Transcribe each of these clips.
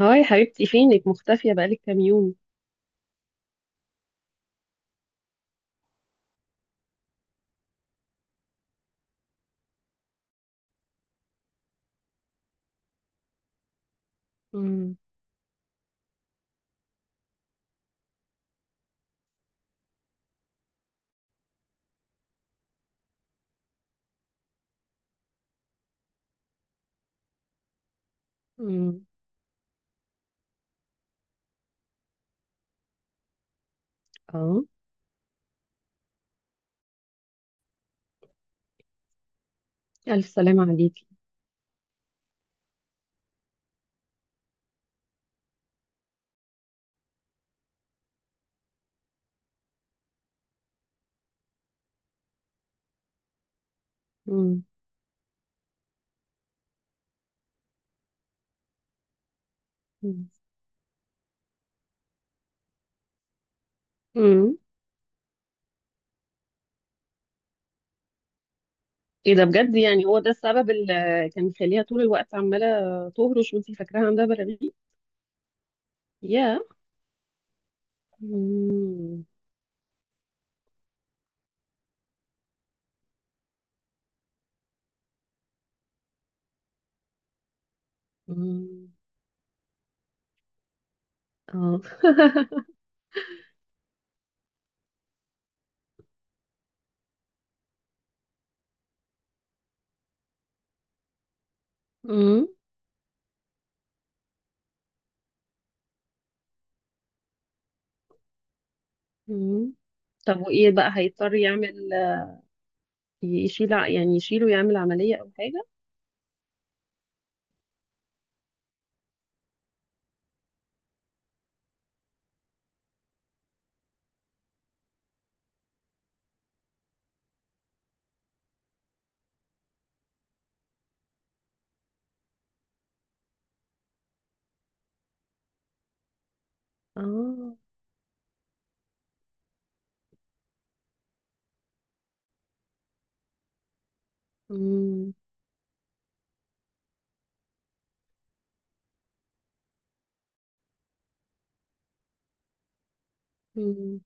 هاي حبيبتي، فينك؟ مختفية بقالك كام يوم. مم. مم. اه. ألف سلامة عليكي. مم. مم. امم. ايه ده بجد؟ يعني هو ده السبب اللي كان مخليها طول الوقت عمالة تهرش وانتي فاكراها عندها براريق؟ يا. مم. مم. اه مم. مم. طب وايه بقى هيضطر يعمل؟ يعني يشيله، يعمل عملية او حاجة؟ اه. مم. مم.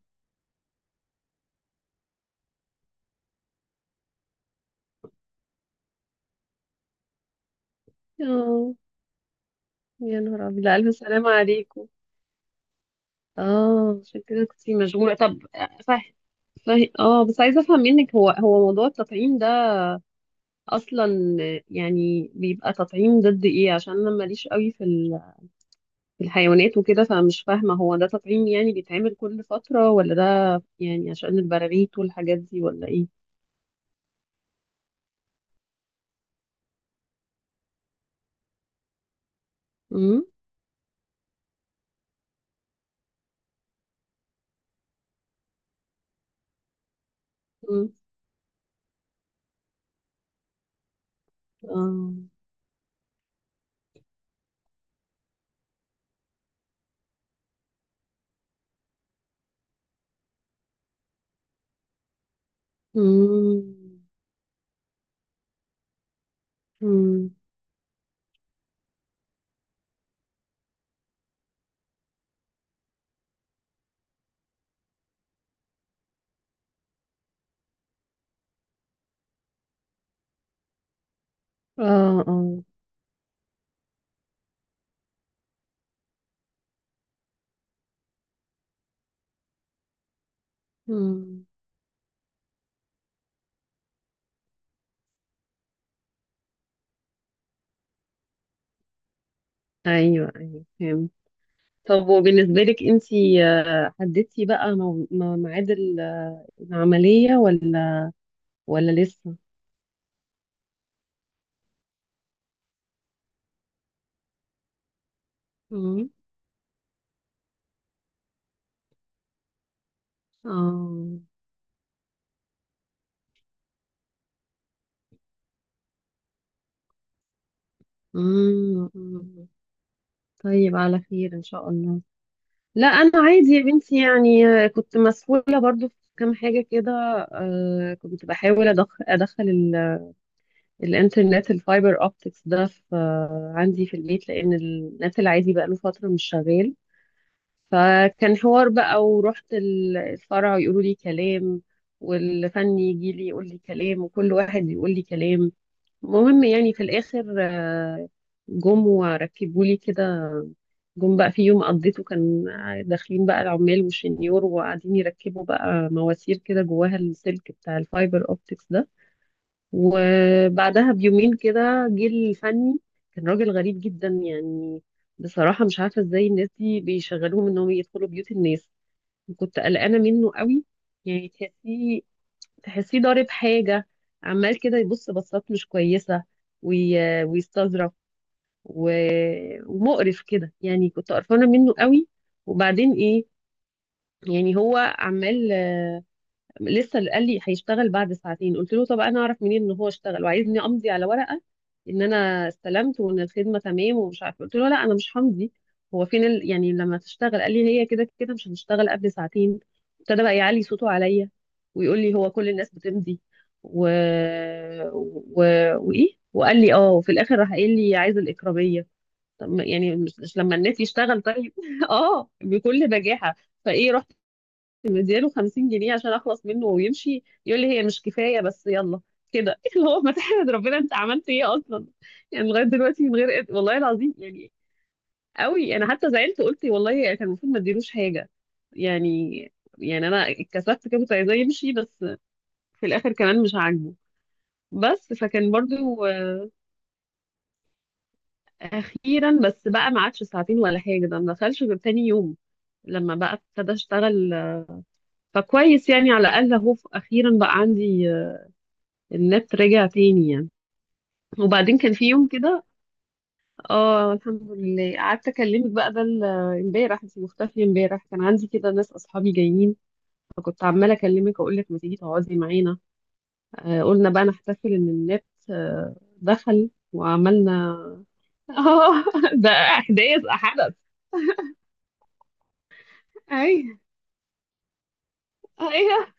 اه. يا نهار ابيض! لا، الف سلامة عليكم. اه، عشان كده كنت مشغولة. طب. صح. صح. اه، بس عايزة افهم منك. هو موضوع التطعيم ده اصلا يعني بيبقى تطعيم ضد ايه؟ عشان انا ماليش قوي في في الحيوانات وكده. فمش فاهمة، هو ده تطعيم يعني بيتعمل كل فترة، ولا ده يعني عشان البراغيث والحاجات دي ولا ايه؟ امم. امم. اه. امم. امم. اه. اه. امم. ايوه، ايوه فهمت. طب وبالنسبة لك انتي، حددتي بقى ميعاد العملية، ولا لسه؟ مم. اه. مم. مم. طيب، على خير ان شاء الله. لا انا عادي يا بنتي، يعني كنت مسؤولة برضو في كام حاجة كده. كنت بحاول ادخل الانترنت الفايبر اوبتكس ده في آه، عندي في البيت، لان النت العادي بقى له فترة مش شغال. فكان حوار بقى، ورحت الفرع يقولوا لي كلام، والفني يجي لي يقول لي كلام، وكل واحد يقول لي كلام. المهم يعني في الآخر، جم وركبوا لي كده. جم بقى في يوم قضيته كان داخلين بقى العمال والشنيور، وقاعدين يركبوا بقى مواسير كده جواها السلك بتاع الفايبر اوبتكس ده. وبعدها بيومين كده جه الفني. كان راجل غريب جدا يعني، بصراحة مش عارفة ازاي الناس دي بيشغلوهم انهم يدخلوا بيوت الناس. وكنت قلقانة منه قوي، يعني تحسيه ضارب حاجة، عمال كده يبص بصات مش كويسة، ويستظرف، و... ومقرف كده، يعني كنت قرفانة منه قوي. وبعدين ايه، يعني هو عمال لسه قال لي هيشتغل بعد ساعتين. قلت له طب انا اعرف منين ان هو اشتغل وعايزني امضي على ورقه ان انا استلمت وان الخدمه تمام؟ ومش عارفه، قلت له لا، انا مش همضي. هو فين يعني لما تشتغل؟ قال لي هي كده كده مش هتشتغل قبل ساعتين. ابتدى بقى يعلي صوته عليا ويقول لي هو كل الناس بتمضي، و... و... وايه، وقال لي اه. وفي الاخر راح قايل لي عايز الاكراميه. طب يعني مش لما الناس يشتغل طيب؟ اه، بكل بجاحه. فايه، مدياله 50 جنيه عشان اخلص منه ويمشي، يقول لي هي مش كفايه بس يلا كده. اللي هو ما تحمد ربنا انت عملت ايه اصلا؟ يعني لغايه دلوقتي من غير والله العظيم يعني. قوي، انا حتى زعلت قلت والله كان المفروض ما اديلوش حاجه يعني. يعني انا اتكسفت كده، كنت عايزاه يمشي بس. في الاخر كمان مش عاجبه. بس فكان برضو، اخيرا بس بقى ما عادش ساعتين ولا حاجه، ده ما دخلش غير تاني يوم لما بقى ابتدى اشتغل. فكويس يعني، على الاقل اهو اخيرا بقى عندي النت رجع تاني يعني. وبعدين كان في يوم كده. اه، الحمد لله. قعدت اكلمك بقى، ده امبارح انت مختفيه. امبارح كان عندي كده ناس، اصحابي جايين، فكنت عماله اكلمك اقول لك ما تيجي تقعدي معانا. قلنا بقى نحتفل ان النت آه دخل، وعملنا. اه ده احداث حدث. ايوه، ايوه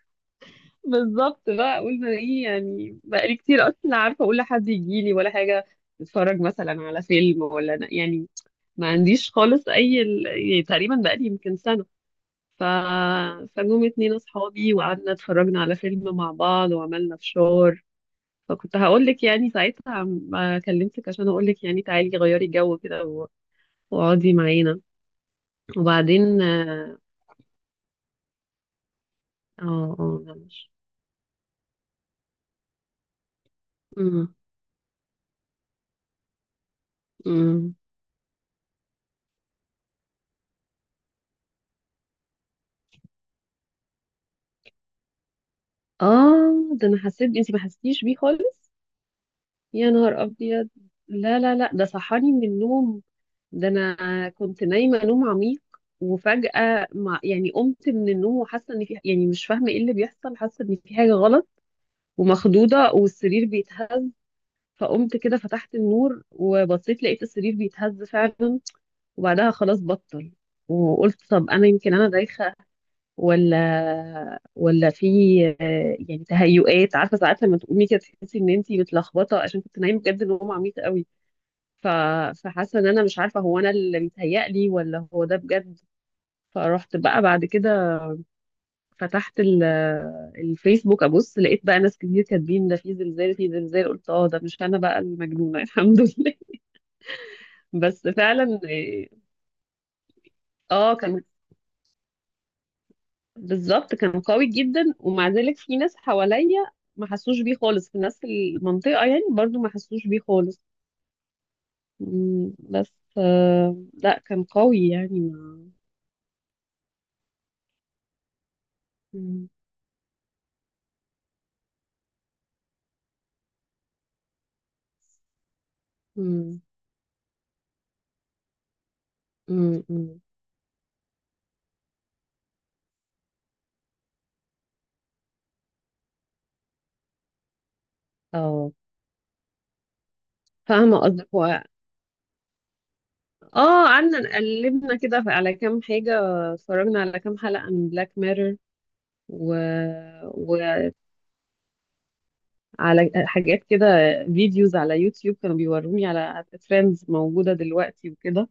بالظبط بقى. قلنا ايه يعني، بقالي كتير اصلا لا عارفه اقول لحد يجي لي ولا حاجه، نتفرج مثلا على فيلم ولا يعني. ما عنديش خالص اي يعني تقريبا بقالي يمكن سنه. ف... فجم اتنين اصحابي وقعدنا اتفرجنا على فيلم مع بعض وعملنا فشار. فكنت هقول لك يعني ساعتها ما كلمتك عشان اقول لك يعني تعالي غيري جو كده واقعدي معانا. وبعدين اه. اه. لا مش. امم. امم. اه، ده انا حسيت، انت ما حسيتيش بيه خالص؟ يا نهار ابيض! لا لا لا، ده صحاني من النوم. ده انا كنت نايمه نوم عميق، وفجاه ما يعني قمت من النوم وحاسه ان في، يعني مش فاهمه ايه اللي بيحصل، حاسه ان في حاجه غلط ومخضوضه، والسرير بيتهز. فقمت كده فتحت النور وبصيت، لقيت السرير بيتهز فعلا. وبعدها خلاص بطل. وقلت طب انا يمكن انا دايخه، ولا في، يعني تهيؤات، عارفه ساعات لما تقومي كده تحسي ان انتي متلخبطه عشان كنت نايمه بجد نوم عميق قوي. ف... فحاسه ان انا مش عارفه هو انا اللي متهيألي ولا هو ده بجد. فروحت بقى بعد كده فتحت الفيسبوك، ابص لقيت بقى ناس كتير كاتبين ده في زلزال، في زلزال. قلت اه، ده مش انا بقى المجنونه. الحمد لله. بس فعلا. اه، كان بالظبط كان قوي جدا، ومع ذلك في ناس حواليا ما حسوش بيه خالص، في ناس في المنطقه يعني برضو ما حسوش بيه خالص. مم، بس لا، كان قوي يعني ما. مم، مم، مم، مم. اه، فاهمة قصدك. هو اه، قعدنا قلبنا كده على كام حاجة، اتفرجنا على كام حلقة من بلاك ميرور، و... وعلى حاجات كده، فيديوز على يوتيوب كانوا بيوروني على ترندز موجودة دلوقتي وكده.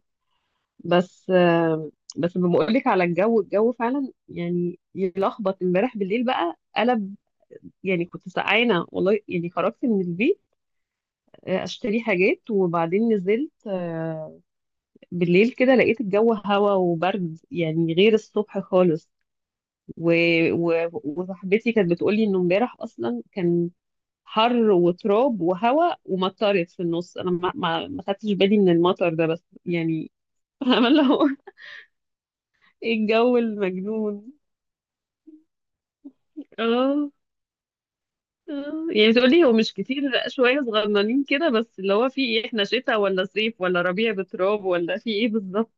بس بس بقولك على الجو، الجو فعلا يعني يلخبط. امبارح بالليل بقى قلب، يعني كنت سقعانة والله. يعني خرجت من البيت اشتري حاجات وبعدين نزلت، بالليل كده لقيت الجو هوا وبرد، يعني غير الصبح خالص. و... وصاحبتي كانت بتقولي انه امبارح اصلا كان حر وتراب وهوا، ومطرت في النص. انا ما خدتش بالي من المطر ده بس يعني. فاهمه اللي هو. إيه الجو المجنون! اه. يعني تقولي هو مش كتير، لأ، شويه صغننين كده، بس اللي هو في ايه، احنا شتاء ولا صيف ولا ربيع بتراب، ولا في ايه بالظبط؟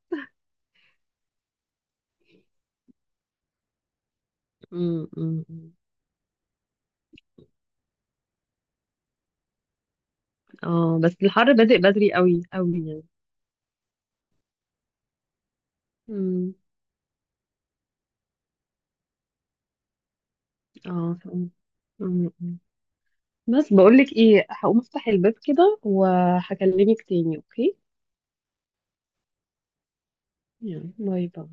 أمم، أمم، أمم. اه، بس الحر بادئ بدري قوي قوي. يعني اه، فهمت. م- م. بس بقولك ايه، هقوم افتح الباب كده وهكلمك تاني، اوكي؟ يلا، باي باي.